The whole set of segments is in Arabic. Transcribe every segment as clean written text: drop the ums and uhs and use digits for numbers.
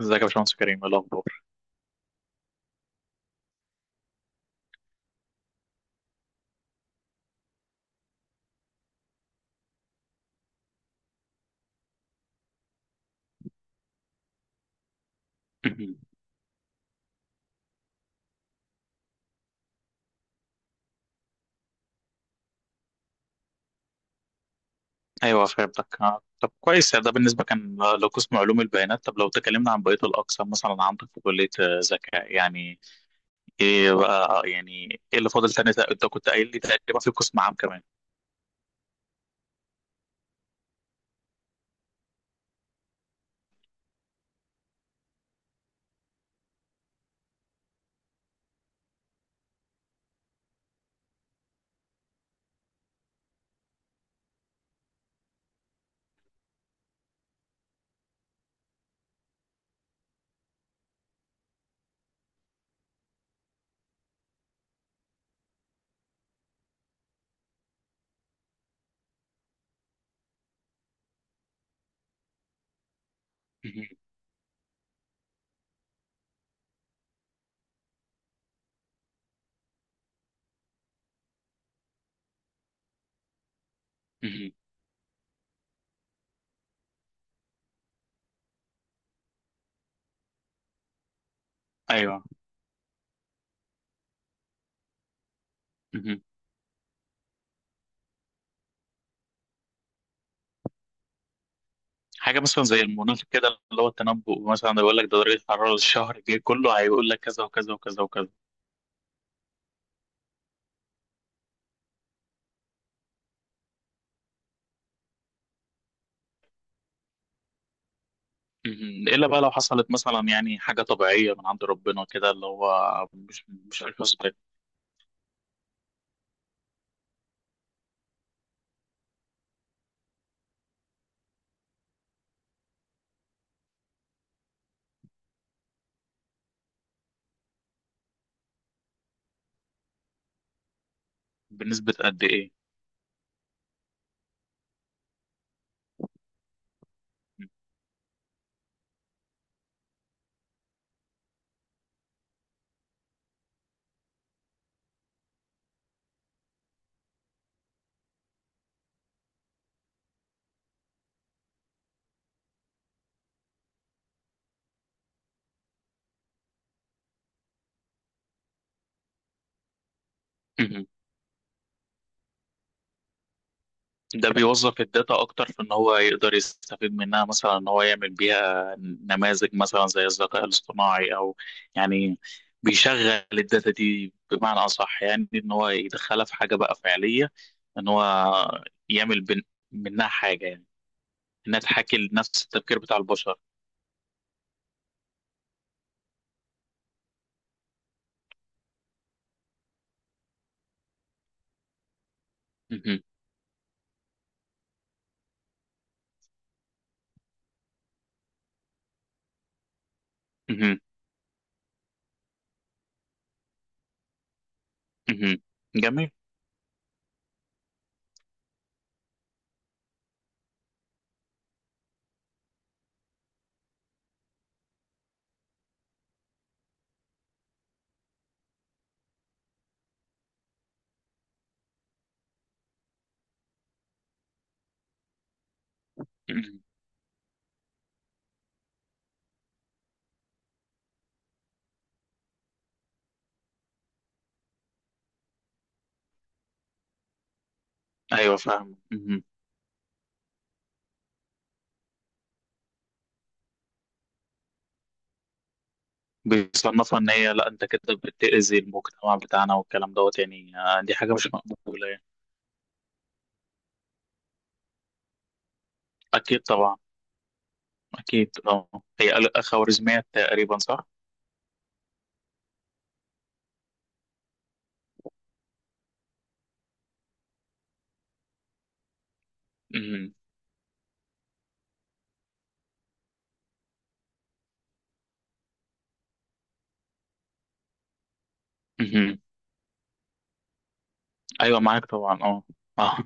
ازيك يا باشمهندس كريم، ايه الاخبار؟ ايوه فهمتك. طب كويس، يعني ده بالنسبه كان لو قسم علوم البيانات. طب لو تكلمنا عن بقيه الاقسام مثلا، عندك في كليه ذكاء، يعني ايه بقى يعني، ايه اللي فاضل تاني؟ انت كنت قايل لي تقريبا في قسم عام كمان. مهم. مهم. ايوه. مهم. حاجه مثلا زي المناخ كده، اللي هو التنبؤ، مثلا يقول لك ده درجه حراره الشهر الجاي كله هيقول لك كذا وكذا وكذا وكذا. مهم. الا بقى لو حصلت مثلا يعني حاجه طبيعيه من عند ربنا كده، اللي هو مش في الحسبان. بنسبة قد إيه؟ مهم. ده بيوظف الداتا أكتر، في إن هو يقدر يستفيد منها، مثلا إن هو يعمل بيها نماذج مثلا زي الذكاء الاصطناعي. أو يعني بيشغل الداتا دي بمعنى أصح، يعني إن هو يدخلها في حاجة بقى فعلية، إن هو يعمل منها حاجة، يعني إنها تحاكي نفس التفكير بتاع البشر. مهم. مهم. مهم. جميل. مهم. أيوه، فاهم. بيصنفها ان هي، لا انت كده بتأذي المجتمع بتاعنا والكلام دوت، يعني دي حاجة مش مقبولة يعني. اكيد طبعا. اكيد، اه. هي خوارزميات تقريبا، صح؟ مهم. مهم. ايوه، معاك طبعا، اه، اه.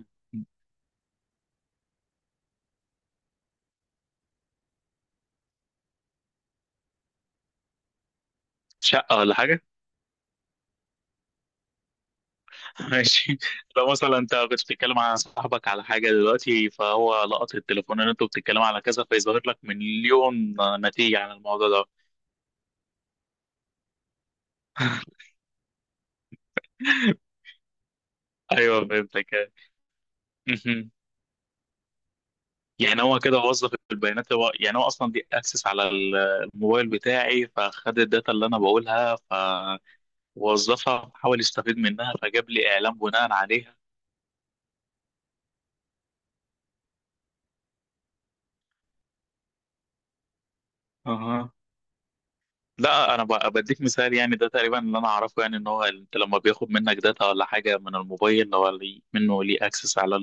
شقة ولا حاجة؟ ماشي. لو مثلا انت كنت بتتكلم عن صاحبك على حاجة دلوقتي، فهو لقط التليفون ان انتوا بتتكلموا على كذا، فيظهر لك مليون نتيجة عن الموضوع ده. ايوه فهمتك. مهم. يعني هو كده وظف البيانات، هو يعني هو اصلا دي اكسس على الموبايل بتاعي، فخد الداتا اللي انا بقولها، فوظفها، حاول يستفيد منها، فجاب لي اعلان بناء عليها. اها. لا انا بديك مثال يعني، ده تقريبا اللي انا اعرفه، يعني ان هو انت لما بياخد منك داتا ولا حاجه من الموبايل، هو منه ليه اكسس على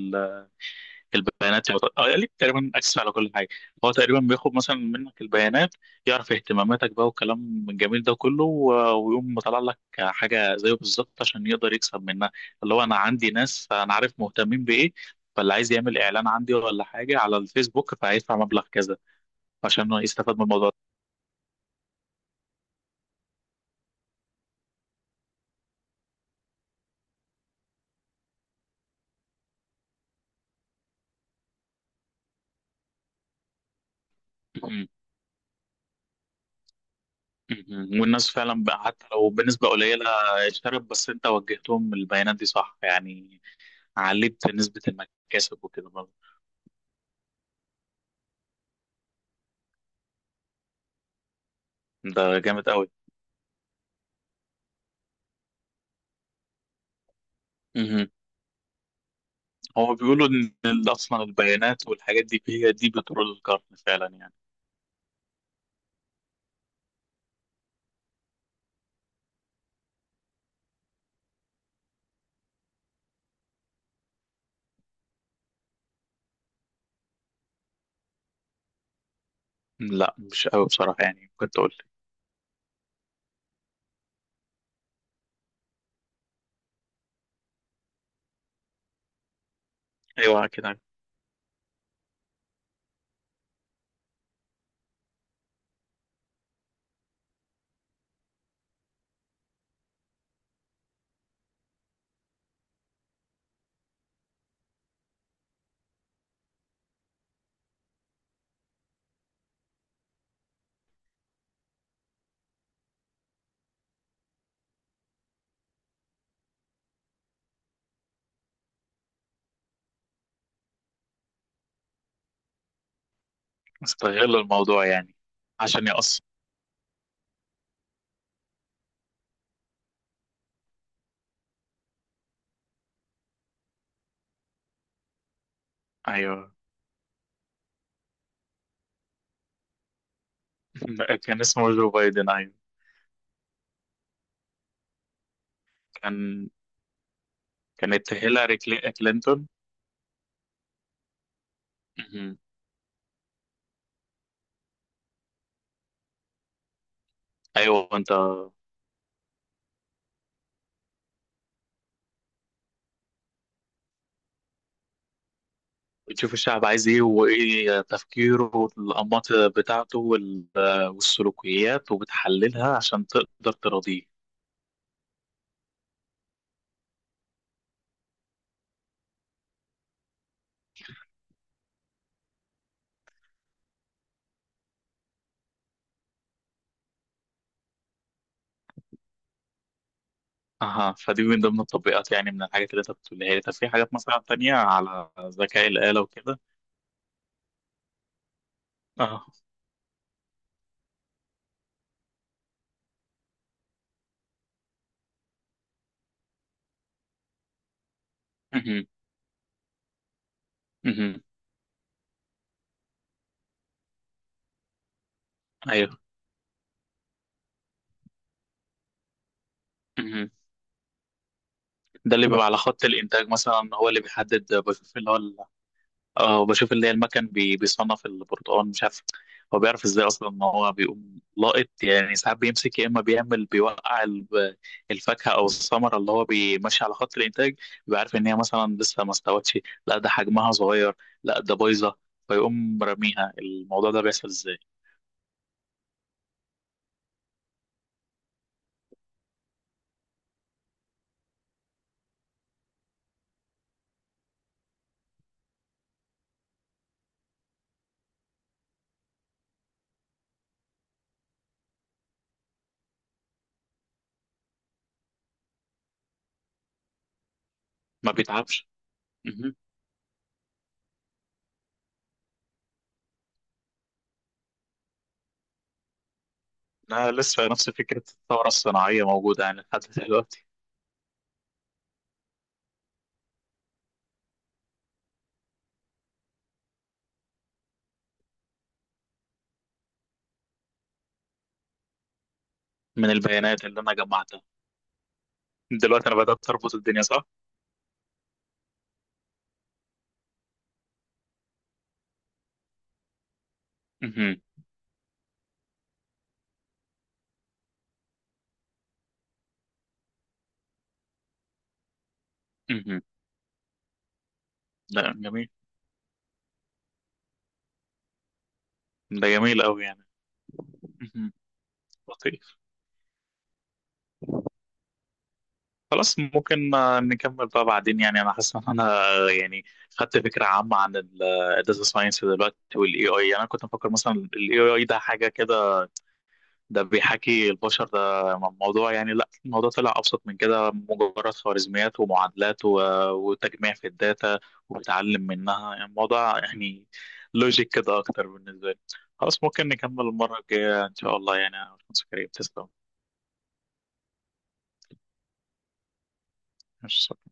البيانات، يعتبر اه ليك تقريبا اكسس على كل حاجه. هو تقريبا بياخد مثلا منك البيانات، يعرف اهتماماتك بقى والكلام الجميل ده كله، ويقوم مطلع لك حاجه زيه بالظبط، عشان يقدر يكسب منها. اللي هو انا عندي ناس انا عارف مهتمين بايه، فاللي عايز يعمل اعلان عندي ولا حاجه على الفيسبوك فهيدفع مبلغ كذا، عشان هو يستفاد من الموضوع ده. م- والناس فعلا بقى، حتى لو بنسبه قليله اشترت، بس انت وجهتهم البيانات دي، صح يعني، علبت نسبه المكاسب وكده برضه. ده جامد قوي. مهم. هو بيقولوا ان اصلا البيانات والحاجات دي هي دي بترول القرن فعلا يعني. لا مش قوي بصراحه، يعني ممكن تقول لي. ايوه كده. استغلوا الموضوع يعني. عشان يقص. ايوه. كان اسمه جو بايدن، ايوه. كان كانت هيلاري كلينتون. مهم. ايوه. انت بتشوف الشعب عايز ايه وايه تفكيره والانماط بتاعته، والسلوكيات، وبتحللها عشان تقدر ترضيه. اها. فدي من ضمن التطبيقات يعني، من الحاجات اللي انت بتقولها لي. طب في حاجات مثلا تانية على ذكاء الآلة وكده؟ اه. مهم. مهم. ايوه. مهم. ده اللي بيبقى على خط الانتاج مثلا، هو اللي بيحدد، بشوف اللي هو اه وبشوف اللي هي المكن بيصنف البرتقال، مش عارف هو بيعرف ازاي اصلا ان هو بيقوم لاقط. يعني ساعات بيمسك، يا اما بيعمل بيوقع الفاكهه او الثمره اللي هو بيمشي على خط الانتاج، بيبقى عارف ان هي مثلا لسه ما استوتش، لا ده حجمها صغير، لا ده بايظه، فيقوم راميها. الموضوع ده بيحصل ازاي؟ ما بيتعبش. مهم. لا، لسه نفس فكره الثوره الصناعيه موجوده يعني لحد دلوقتي. من البيانات اللي انا جمعتها. دلوقتي انا بدات اربط الدنيا، صح. مهم. مهم. لا، جميل. ده جميل قوي يعني. مهم. لطيف. خلاص، ممكن نكمل بقى بعدين يعني. انا حاسس ان انا يعني خدت فكره عامه عن الداتا ساينس دلوقتي والاي اي، انا كنت مفكر مثلا الاي اي ده حاجه كده، ده بيحاكي البشر، ده موضوع يعني. لا، الموضوع طلع ابسط من كده، مجرد خوارزميات ومعادلات وتجميع في الداتا، وبتعلم منها يعني. الموضوع يعني لوجيك كده اكتر بالنسبه لي. خلاص، ممكن نكمل المره الجايه ان شاء الله يعني. يا باشمهندس كريم، تسلم. مش